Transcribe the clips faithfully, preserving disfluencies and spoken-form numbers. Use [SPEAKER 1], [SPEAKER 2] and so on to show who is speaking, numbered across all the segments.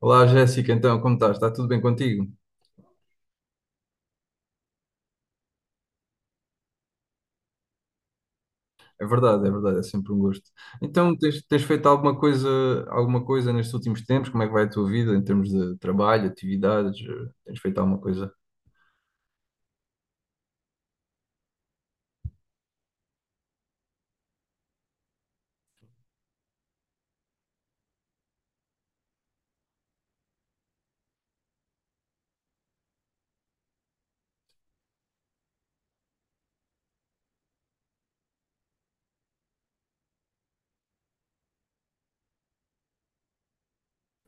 [SPEAKER 1] Olá Jéssica, então como estás? Está tudo bem contigo? É verdade, é verdade, é sempre um gosto. Então tens, tens feito alguma coisa, alguma coisa nestes últimos tempos? Como é que vai a tua vida em termos de trabalho, atividades? Eh, Tens feito alguma coisa?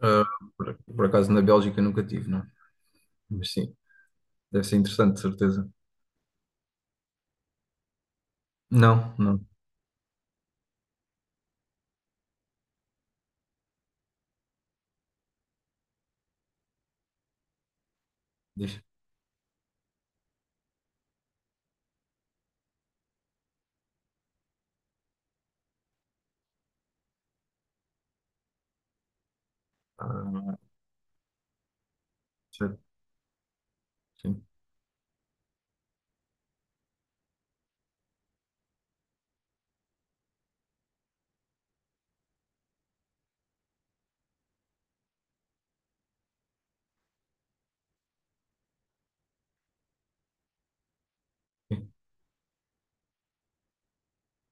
[SPEAKER 1] Ah, por, por acaso na Bélgica nunca tive, não? Mas sim, deve ser interessante, de certeza. Não, não, diz. Ah, certo, sim, sim,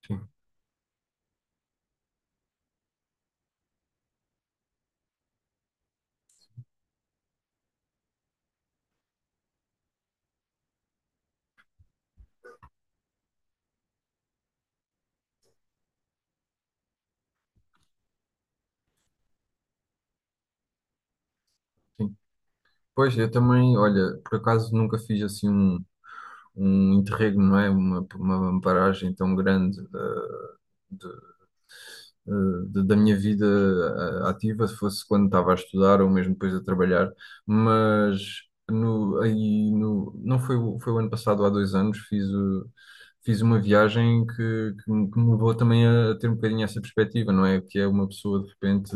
[SPEAKER 1] sim, sim. Pois, eu também, olha, por acaso nunca fiz assim um, um interregno, não é? Uma, uma paragem tão grande, eh, de- da minha vida eh, ativa, se fosse quando estava a estudar ou mesmo depois a trabalhar. Mas no, aí no, não foi, o- foi o ano passado, há dois anos, fiz, o- fiz uma viagem que, que, me que me levou também a, a ter um bocadinho essa perspectiva, não é? Que é uma pessoa de repente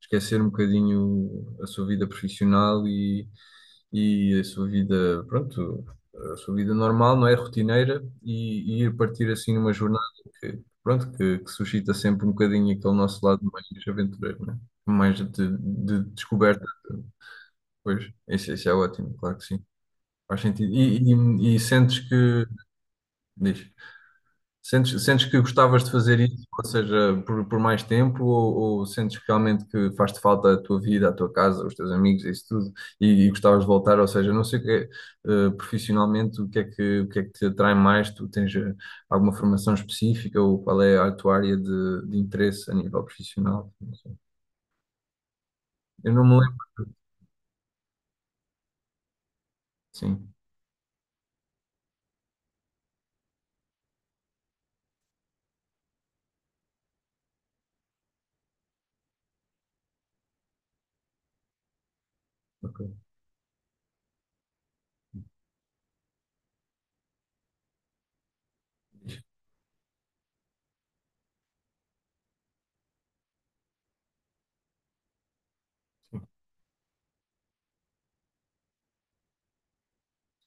[SPEAKER 1] esquecer um bocadinho a sua vida profissional e, e a sua vida, pronto, a sua vida normal, não é? Rotineira, e, e ir partir assim numa jornada, pronto, que, que suscita sempre um bocadinho aquele nosso lado mais aventureiro, né? Mais de, de descoberta. Pois, isso, isso é ótimo, claro que sim. Faz sentido. E, e, e sentes que. Diz. Sentes, sentes que gostavas de fazer isso, ou seja, por, por mais tempo, ou, ou sentes que realmente que faz-te falta a tua vida, a tua casa, os teus amigos, isso tudo, e, e gostavas de voltar, ou seja, não sei o que é, eh, profissionalmente, o que é que, o que é que te atrai mais, tu tens eh, alguma formação específica, ou qual é a tua área de, de interesse a nível profissional? Não sei. Eu não me lembro. Sim, ok. Sim,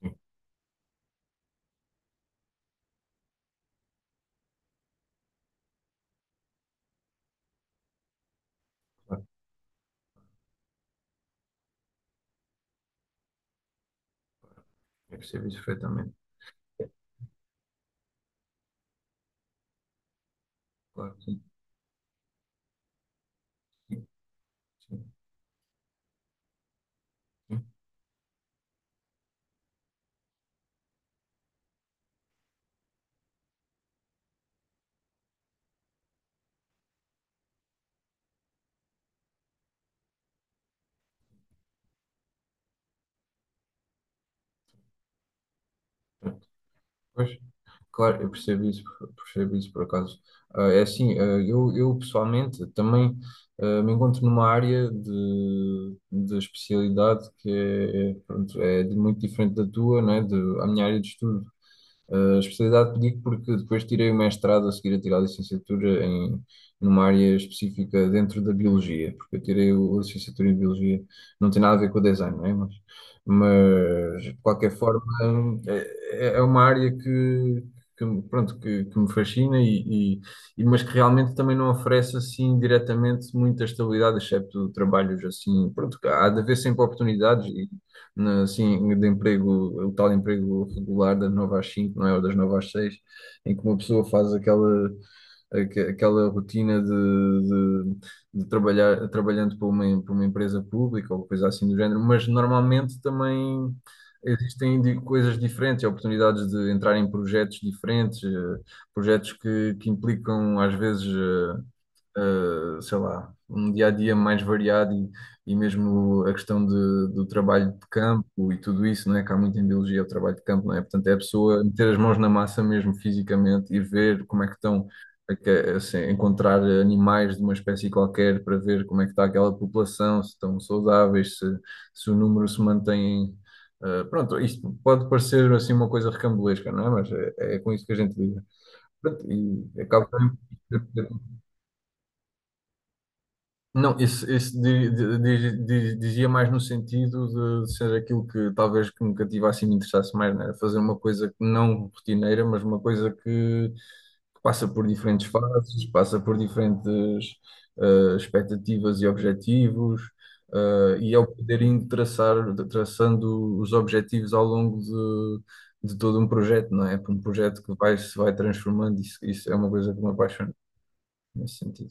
[SPEAKER 1] sim, claro. Eu percebo isso perfeitamente. Claro, sim, sim, sim, sim. Pois. Claro, eu percebo isso, percebo isso por acaso. Ah, é assim, ah, eu, eu pessoalmente também ah, me encontro numa área de, de especialidade que é, pronto, é de- muito diferente da tua, não é? De, a minha área de estudo, a especialidade pedi porque depois tirei o mestrado a seguir a tirar a licenciatura em, numa área específica dentro da biologia, porque eu tirei o- a licenciatura em biologia, não tem nada a ver com o design, não é? Mas, mas de qualquer forma é, é é uma área que, que me- pronto, que, que me fascina, e, e, e- mas que realmente também não oferece assim diretamente muita estabilidade, excepto trabalhos assim, pronto. Há de haver sempre oportunidades na- assim, de emprego, o tal emprego regular das nove às cinco, não é? Ou das nove às seis, em que uma pessoa faz aquela, aque- aquela rotina de, de, de trabalhar, trabalhando para uma, para uma empresa pública ou coisa assim do género. Mas normalmente também existem di- coisas diferentes, oportunidades de entrar em projetos diferentes, eh, projetos que, que implicam às vezes. eh, eh, sei lá, um dia a dia mais variado, e, e mesmo a questão de, do trabalho de campo e tudo isso, não é? Que há muito em biologia o trabalho de campo, não é? Portanto, é a pessoa meter as mãos na massa mesmo fisicamente e ver como é que estão, a que- assim, encontrar animais de uma espécie qualquer para ver como é que está aquela população, se estão saudáveis, se, se o número se mantém. eh, pronto, isto pode parecer assim uma coisa recambolesca, não é? Mas é, é com isso que a gente lida. Pronto, e acaba também. Não, esse, esse di- di- di- di- dizia mais no sentido de ser aquilo que talvez que me cativasse e me interessasse mais, né? Fazer uma coisa que não rotineira, mas uma coisa que, que passa por diferentes fases, passa por diferentes, eh, expectativas e objetivos, eh, e é o poder indo traçar, traçando os objetivos ao longo de, de todo um projeto, não é? Um projeto que vai, se vai transformando, isso, isso é uma coisa que me apaixona nesse sentido.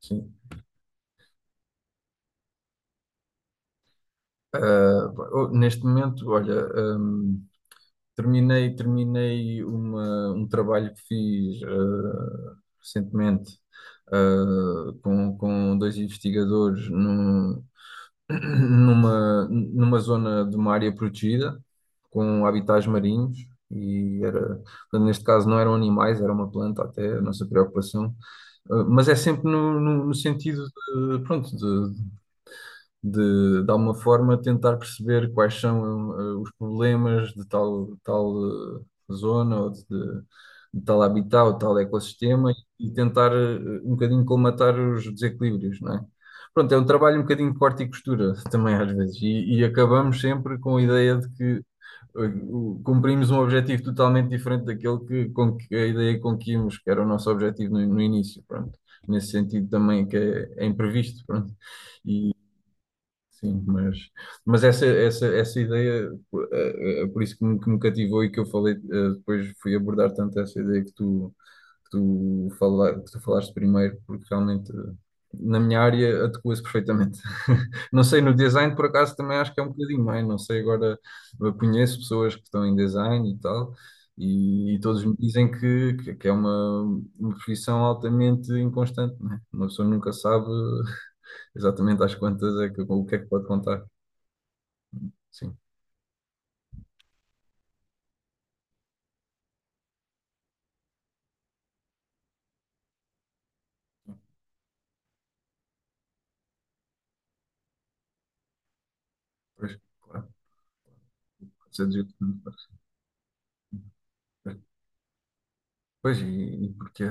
[SPEAKER 1] Sim. Ah, oh, neste momento, olha, hum, terminei, terminei uma- um trabalho que fiz ah, recentemente, ah, com, com dois investigadores num- numa, numa zona de uma área protegida, com habitats marinhos, e era, portanto, neste caso não eram animais, era uma planta até, a nossa preocupação. Ah, mas é sempre no, no- no sentido de, pronto, de, de alguma forma, tentar perceber quais são, eh, os problemas de tal, tal, eh, zona ou de, de- de tal habitat ou tal ecossistema, e e tentar eh, um bocadinho colmatar os desequilíbrios, não é? Pronto, é um trabalho um bocadinho de corte e costura também às vezes, e, e acabamos sempre com a ideia de que eh, o- cumprimos um objetivo totalmente diferente daquele que, com que a ideia com que íamos, que era o nosso objetivo no, no início, pronto. Nesse sentido também que é, é imprevisto, pronto. E sim, mas, mas essa, essa, essa ideia, eh, eh, por isso que me, que me, cativou e que eu falei, eh, depois fui abordar tanto essa ideia que tu, que tu, fala, que tu falaste primeiro, porque realmente eh, na minha área adequa-se perfeitamente. Não sei, no design por acaso também acho que é um bocadinho mais, não sei. Agora eu conheço pessoas que estão em design e tal, e, e todos me dizem que, que, que é uma, uma profissão altamente inconstante, não é? Uma pessoa nunca sabe exatamente às quantas é que, o que é que pode contar. Sim, pois, claro, pode ser desvirtuado. Pois, e, e porque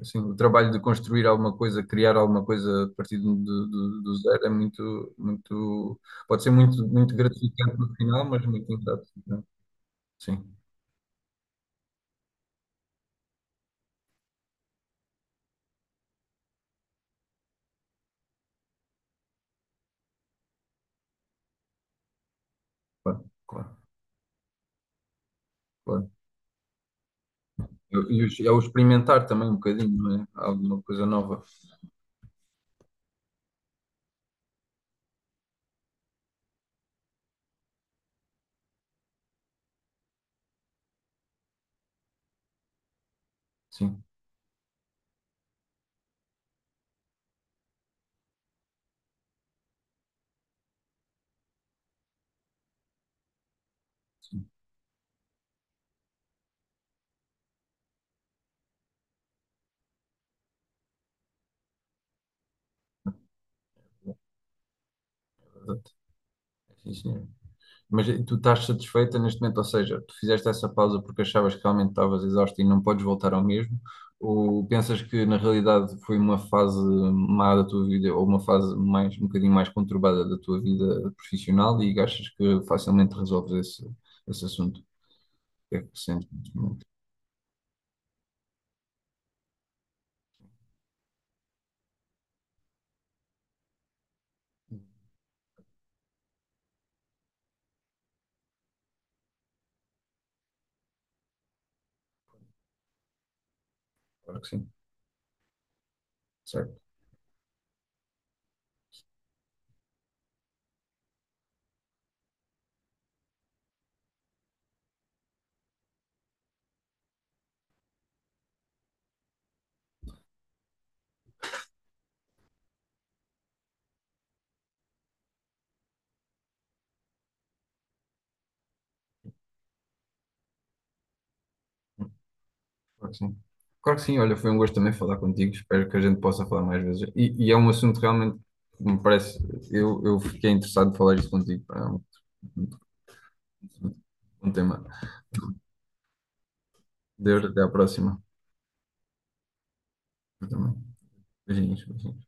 [SPEAKER 1] assim, o trabalho de construir alguma coisa, criar alguma coisa a partir do, do, do zero é muito, muito, pode ser muito, muito gratificante no final, mas muito ingrato. Sim, claro, claro, claro. Eu- E o- é o experimentar também um bocadinho, não é? Alguma coisa nova. Sim, sim, é verdade. Sim, senhor. Mas tu estás satisfeita neste momento, ou seja, tu fizeste essa pausa porque achavas que realmente estavas exausta e não podes voltar ao mesmo, ou pensas que na realidade foi uma fase má da tua vida, ou uma fase mais, um bocadinho mais conturbada da tua vida profissional, e achas que facilmente resolves esse, esse assunto? O que é que sentes neste momento? Claro que sim, certo, claro que sim. Claro que sim, olha, foi um gosto também falar contigo, espero que a gente possa falar mais vezes. E, e é um assunto realmente que me parece, eu, eu fiquei interessado em falar isso contigo, pá, é um- Um tema. Deus, até a próxima. Eu também. Beijinhos, beijinhos.